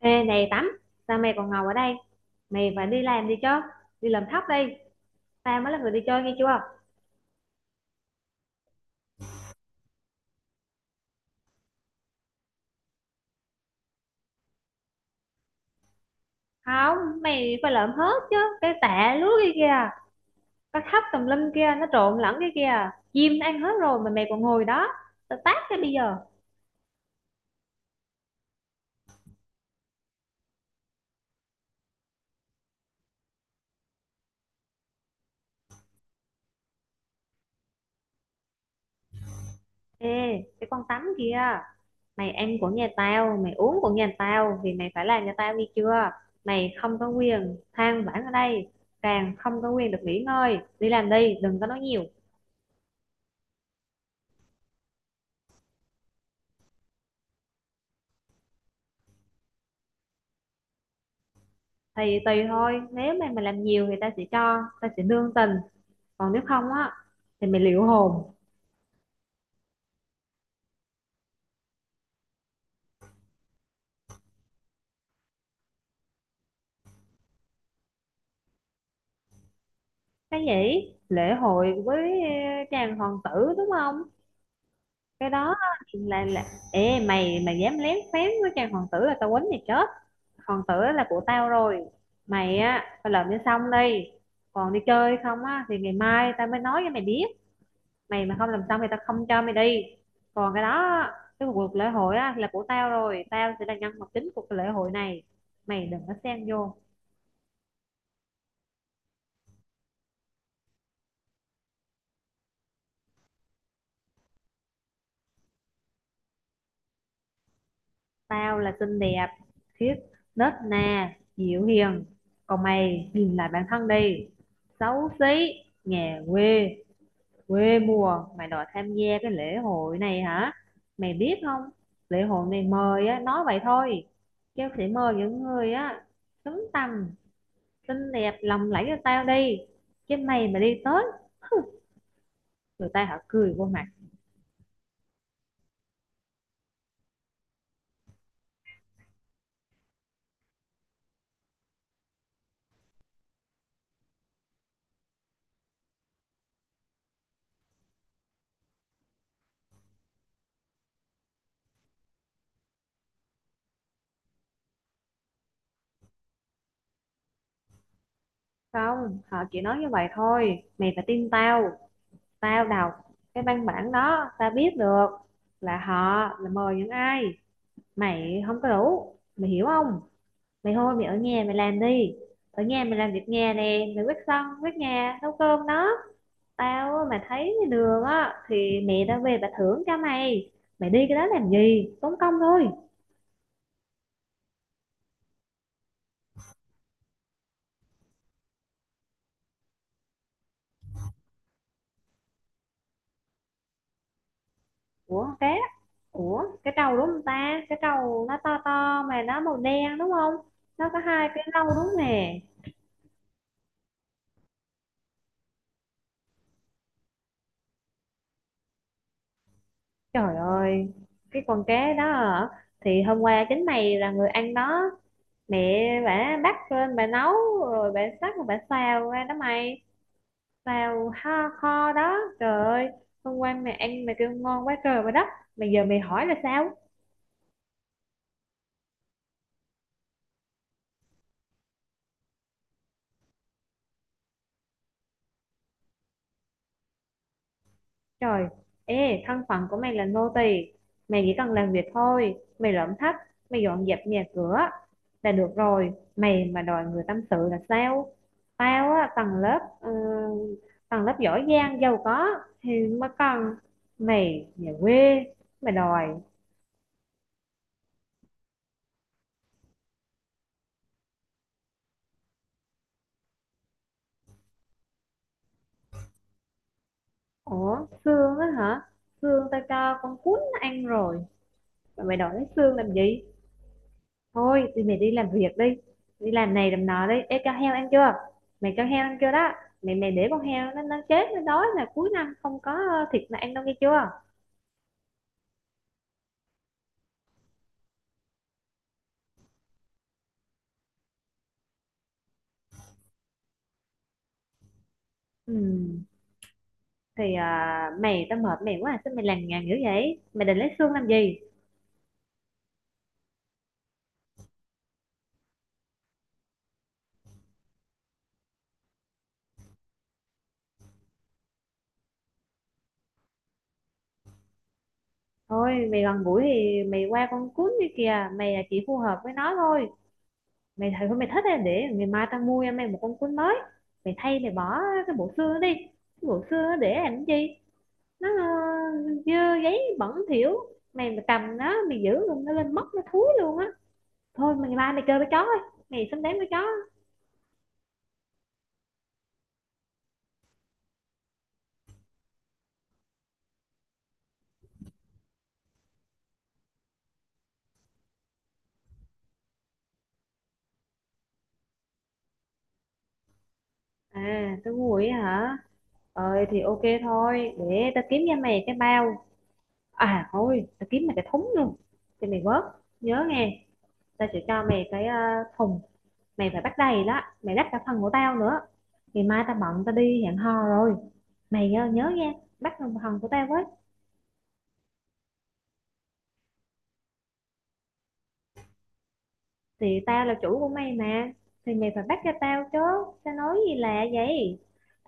Ê này Tắm, sao mày còn ngồi ở đây? Mày phải đi làm đi chứ. Đi làm thóc đi. Tao mới là người đi chơi nghe chưa. Không, mày phải lợm hết chứ. Cái tạ lúa kia kìa. Cái thóc tùm lum kia, nó trộn lẫn cái kia, chim nó ăn hết rồi mà mày còn ngồi đó. Tao tát cái bây giờ. Ê, cái con Tắm kia, mày ăn của nhà tao, mày uống của nhà tao thì mày phải làm cho tao nghe chưa. Mày không có quyền than vãn ở đây, càng không có quyền được nghỉ ngơi. Đi làm đi, đừng có nói nhiều. Thì tùy thôi, nếu mà mình làm nhiều người ta sẽ cho, ta sẽ nương tình, còn nếu không á thì mình liệu hồn. Cái gì lễ hội với chàng hoàng tử đúng không? Cái đó á, thì là ê mày mày dám lén phén với chàng hoàng tử là tao quýnh mày chết. Hoàng tử là của tao rồi, mày á phải làm cho xong đi. Còn đi chơi không á thì ngày mai tao mới nói cho mày biết. Mày mà không làm xong thì tao không cho mày đi. Còn cái đó, cái cuộc lễ hội á là của tao rồi, tao sẽ là nhân vật chính của cái lễ hội này, mày đừng có xen vô. Tao là xinh đẹp, khiết, nết na dịu hiền, còn mày nhìn lại bản thân đi: xấu xí, nhà quê, quê mùa, mày đòi tham gia cái lễ hội này hả? Mày biết không, lễ hội này mời á nói vậy thôi, chứ sẽ mời những người á xứng tầm, xinh đẹp lòng lẫy cho tao đi, chứ mày mà đi tới người ta họ cười vô mặt. Không, họ chỉ nói như vậy thôi, mày phải tin tao. Tao đọc cái văn bản đó tao biết được là họ là mời những ai, mày không có đủ, mày hiểu không? Mày thôi mày ở nhà mày làm đi, ở nhà mày làm việc nhà nè, mày quét sân quét nhà nấu cơm đó. Tao mà thấy đường á thì mẹ tao về bà thưởng cho mày. Mày đi cái đó làm gì, tốn công thôi. Ủa, cá? Ủa cái trâu đúng không ta? Cái trâu nó to to mà nó màu đen đúng không? Nó có hai cái râu đúng nè. Trời ơi, cái con cá đó hả? Thì hôm qua chính mày là người ăn đó. Mẹ bà bắt lên bà nấu, rồi bà sắc rồi bà xào ra đó mày. Xào kho, kho đó. Trời ơi, hôm qua mày ăn mày kêu ngon quá trời và đất, mà giờ mày hỏi là sao? Trời, ê, thân phận của mày là nô tỳ, mày chỉ cần làm việc thôi, mày lượm thách, mày dọn dẹp nhà cửa là được rồi, mày mà đòi người tâm sự là sao? Tao á, tầng lớp tầng lớp giỏi giang giàu có thì mới cần. Mày nhà quê mày đòi. Ủa, xương á hả? Xương tao cho con cún nó ăn rồi, mà mày đòi lấy xương làm gì? Thôi thì mày đi làm việc đi, đi làm này làm nọ đi. Ê, cho heo ăn chưa? Mày cho heo ăn chưa đó? Mày mày để con heo nó chết nó đói là cuối năm không có thịt mà ăn đâu nghe chưa. Ừ, thì mày tao mệt mày quá, sao mày lằng nhằng dữ vậy, mày định lấy xương làm gì? Thôi mày gần gũi thì mày qua con cún đi kìa, mày là chỉ phù hợp với nó thôi. Mày thấy mày thích thì để ngày mai tao mua cho mày một con cún mới. Mày thay mày bỏ cái bộ xương đó đi, cái bộ xương đó để làm cái gì, nó dơ giấy bẩn thỉu. Mày mà cầm nó mày giữ luôn nó lên mất, nó thúi luôn á. Thôi mày ngày mai mày chơi với chó thôi, mày sắm đến với chó. À tôi ngu vậy hả? Ờ, thì ok thôi, để tao kiếm cho mày cái bao. À thôi tao kiếm mày cái thúng luôn, thì mày vớt, nhớ nghe. Tao sẽ cho mày cái thùng, mày phải bắt đầy đó, mày đắp cả phần của tao nữa. Ngày mai tao bận tao đi hẹn hò rồi, mày nhớ nghe, bắt phần của tao với. Thì tao là chủ của mày mà, thì mày phải bắt cho tao chứ, tao nói gì lạ vậy.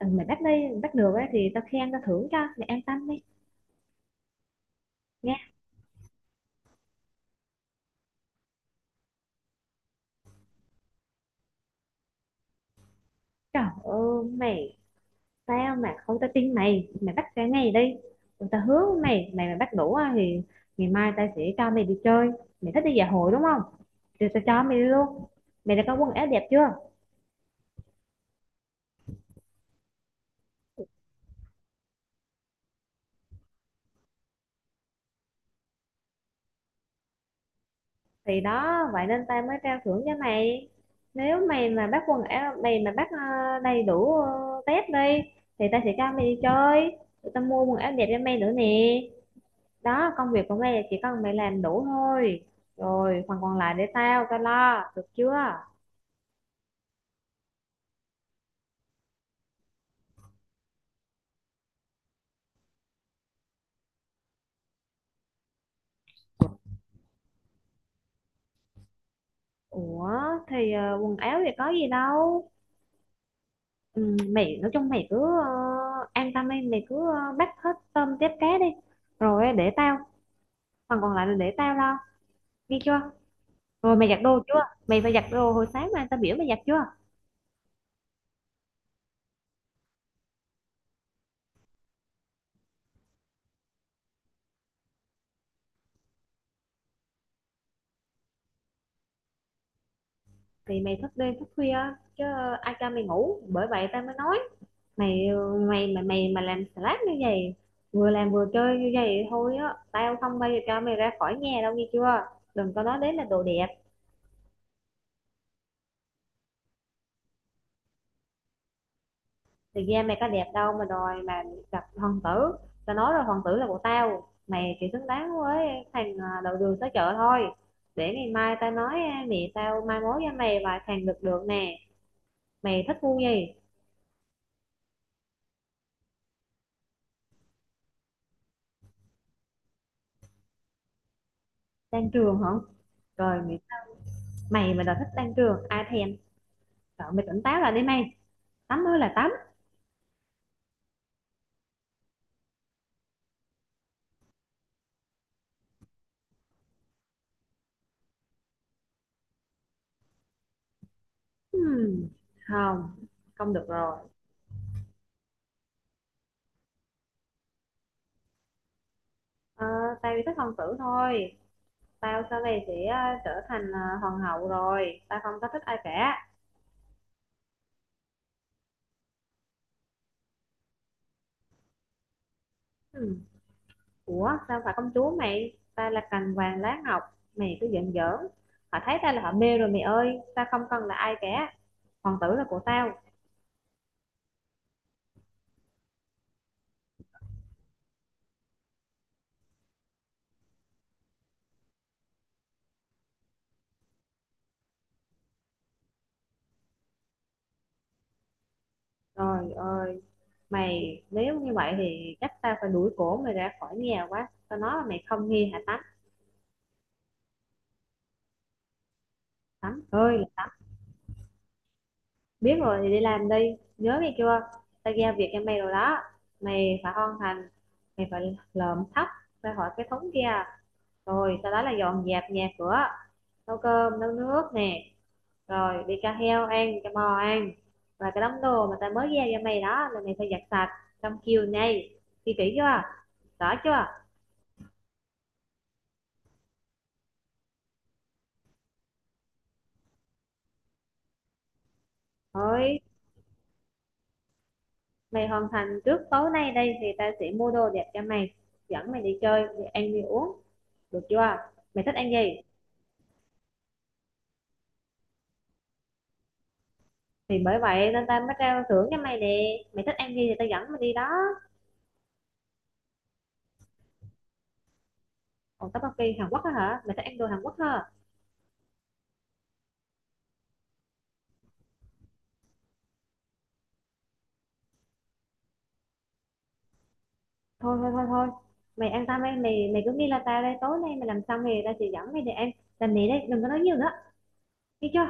Ừ, mày bắt đi, mày bắt được á thì tao khen tao thưởng cho mày, an tâm đi. Nha. Trời ơi mày, tao mà không tao tin mày, mày bắt cả ngày đi. Ừ, tao hứa với mày, mày mà bắt đủ á thì ngày mai tao sẽ cho mày đi chơi. Mày thích đi dạ hội đúng không? Thì tao cho mày đi luôn. Mày đã có quần áo đẹp chưa? Thì đó, vậy nên tao mới trao thưởng cho mày. Nếu mày mà bắt quần áo, mày mà bắt đầy đủ test đi thì tao sẽ cho mày đi chơi, tụi tao mua quần áo đẹp cho mày nữa nè. Đó, công việc của mày là chỉ cần mày làm đủ thôi, rồi phần còn lại để tao, tao lo, được chưa? Ủa, thì quần áo thì có gì đâu. Ừ, mày nói chung mày cứ ờ, an tâm đi, mày cứ bắt hết tôm tép cá đi, rồi để tao, phần còn lại là để tao lo. Ghi chưa? Rồi mày giặt đồ chưa? Mày phải giặt đồ hồi sáng mà tao biểu mày giặt chưa? Thì mày thức đêm thức khuya chứ ai cho mày ngủ. Bởi vậy tao mới nói mày, mày mà làm slack như vậy, vừa làm vừa chơi như vậy thôi á, tao không bao giờ cho mày ra khỏi nhà đâu nghe chưa? Đừng có nói đến là đồ đẹp. Thực ra mày có đẹp đâu mà đòi mà gặp hoàng tử. Tao nói rồi, hoàng tử là của tao. Mày chỉ xứng đáng với thằng đầu đường xó chợ thôi. Để ngày mai tao nói mẹ tao mai mối cho mày vài thằng được được nè. Mày thích vui gì? Đan trường hả? Rồi mày, mày mà đòi thích đan trường ai thèm? Sợ mày tỉnh táo là đi mày. Tắm mới là tắm. Hmm, không, không được rồi. Ờ, tao chỉ thích hoàng tử thôi. Tao sau này sẽ trở thành hoàng hậu rồi. Tao không có thích ai cả. Hmm. Ủa sao phải công chúa mày? Tao là cành vàng lá ngọc. Mày cứ giận giỡn. Họ thấy tao là họ mê rồi mày ơi. Tao không cần là ai cả. Hoàng tử là của tao. Trời ơi, mày nếu như vậy thì chắc tao phải đuổi cổ mày ra khỏi nhà quá. Tao nói là mày không nghe hả Tắm? Tắm ơi, biết rồi thì đi làm đi. Nhớ nghe chưa? Tao giao việc cho mày rồi đó. Mày phải hoàn thành, mày phải lợm thóc ra khỏi cái thúng kia. Rồi sau đó là dọn dẹp nhà cửa, nấu cơm, nấu nước nè. Rồi đi cho heo ăn, cho bò ăn. Và cái đống đồ mà tao mới giao cho mày đó là mày phải giặt sạch trong chiều nay. Ghi kỹ chưa? Rõ chưa? Ơi. Mày hoàn thành trước tối nay đây thì ta sẽ mua đồ đẹp cho mày, dẫn mày đi chơi, đi ăn đi uống, được chưa? Mày thích ăn gì? Thì bởi vậy nên ta mới trao thưởng cho mày nè. Mày thích ăn gì thì ta dẫn mày đi đó. Còn tteokbokki Hàn Quốc á hả? Mày thích ăn đồ Hàn Quốc hả? Thôi thôi thôi thôi. Mày ăn tao, mày mày mày cứ nghĩ là tao đây tối nay mày làm xong thì ta sẽ dẫn mày đi ăn. Làm mày đây, đừng có nói nhiều nữa. Đi chưa?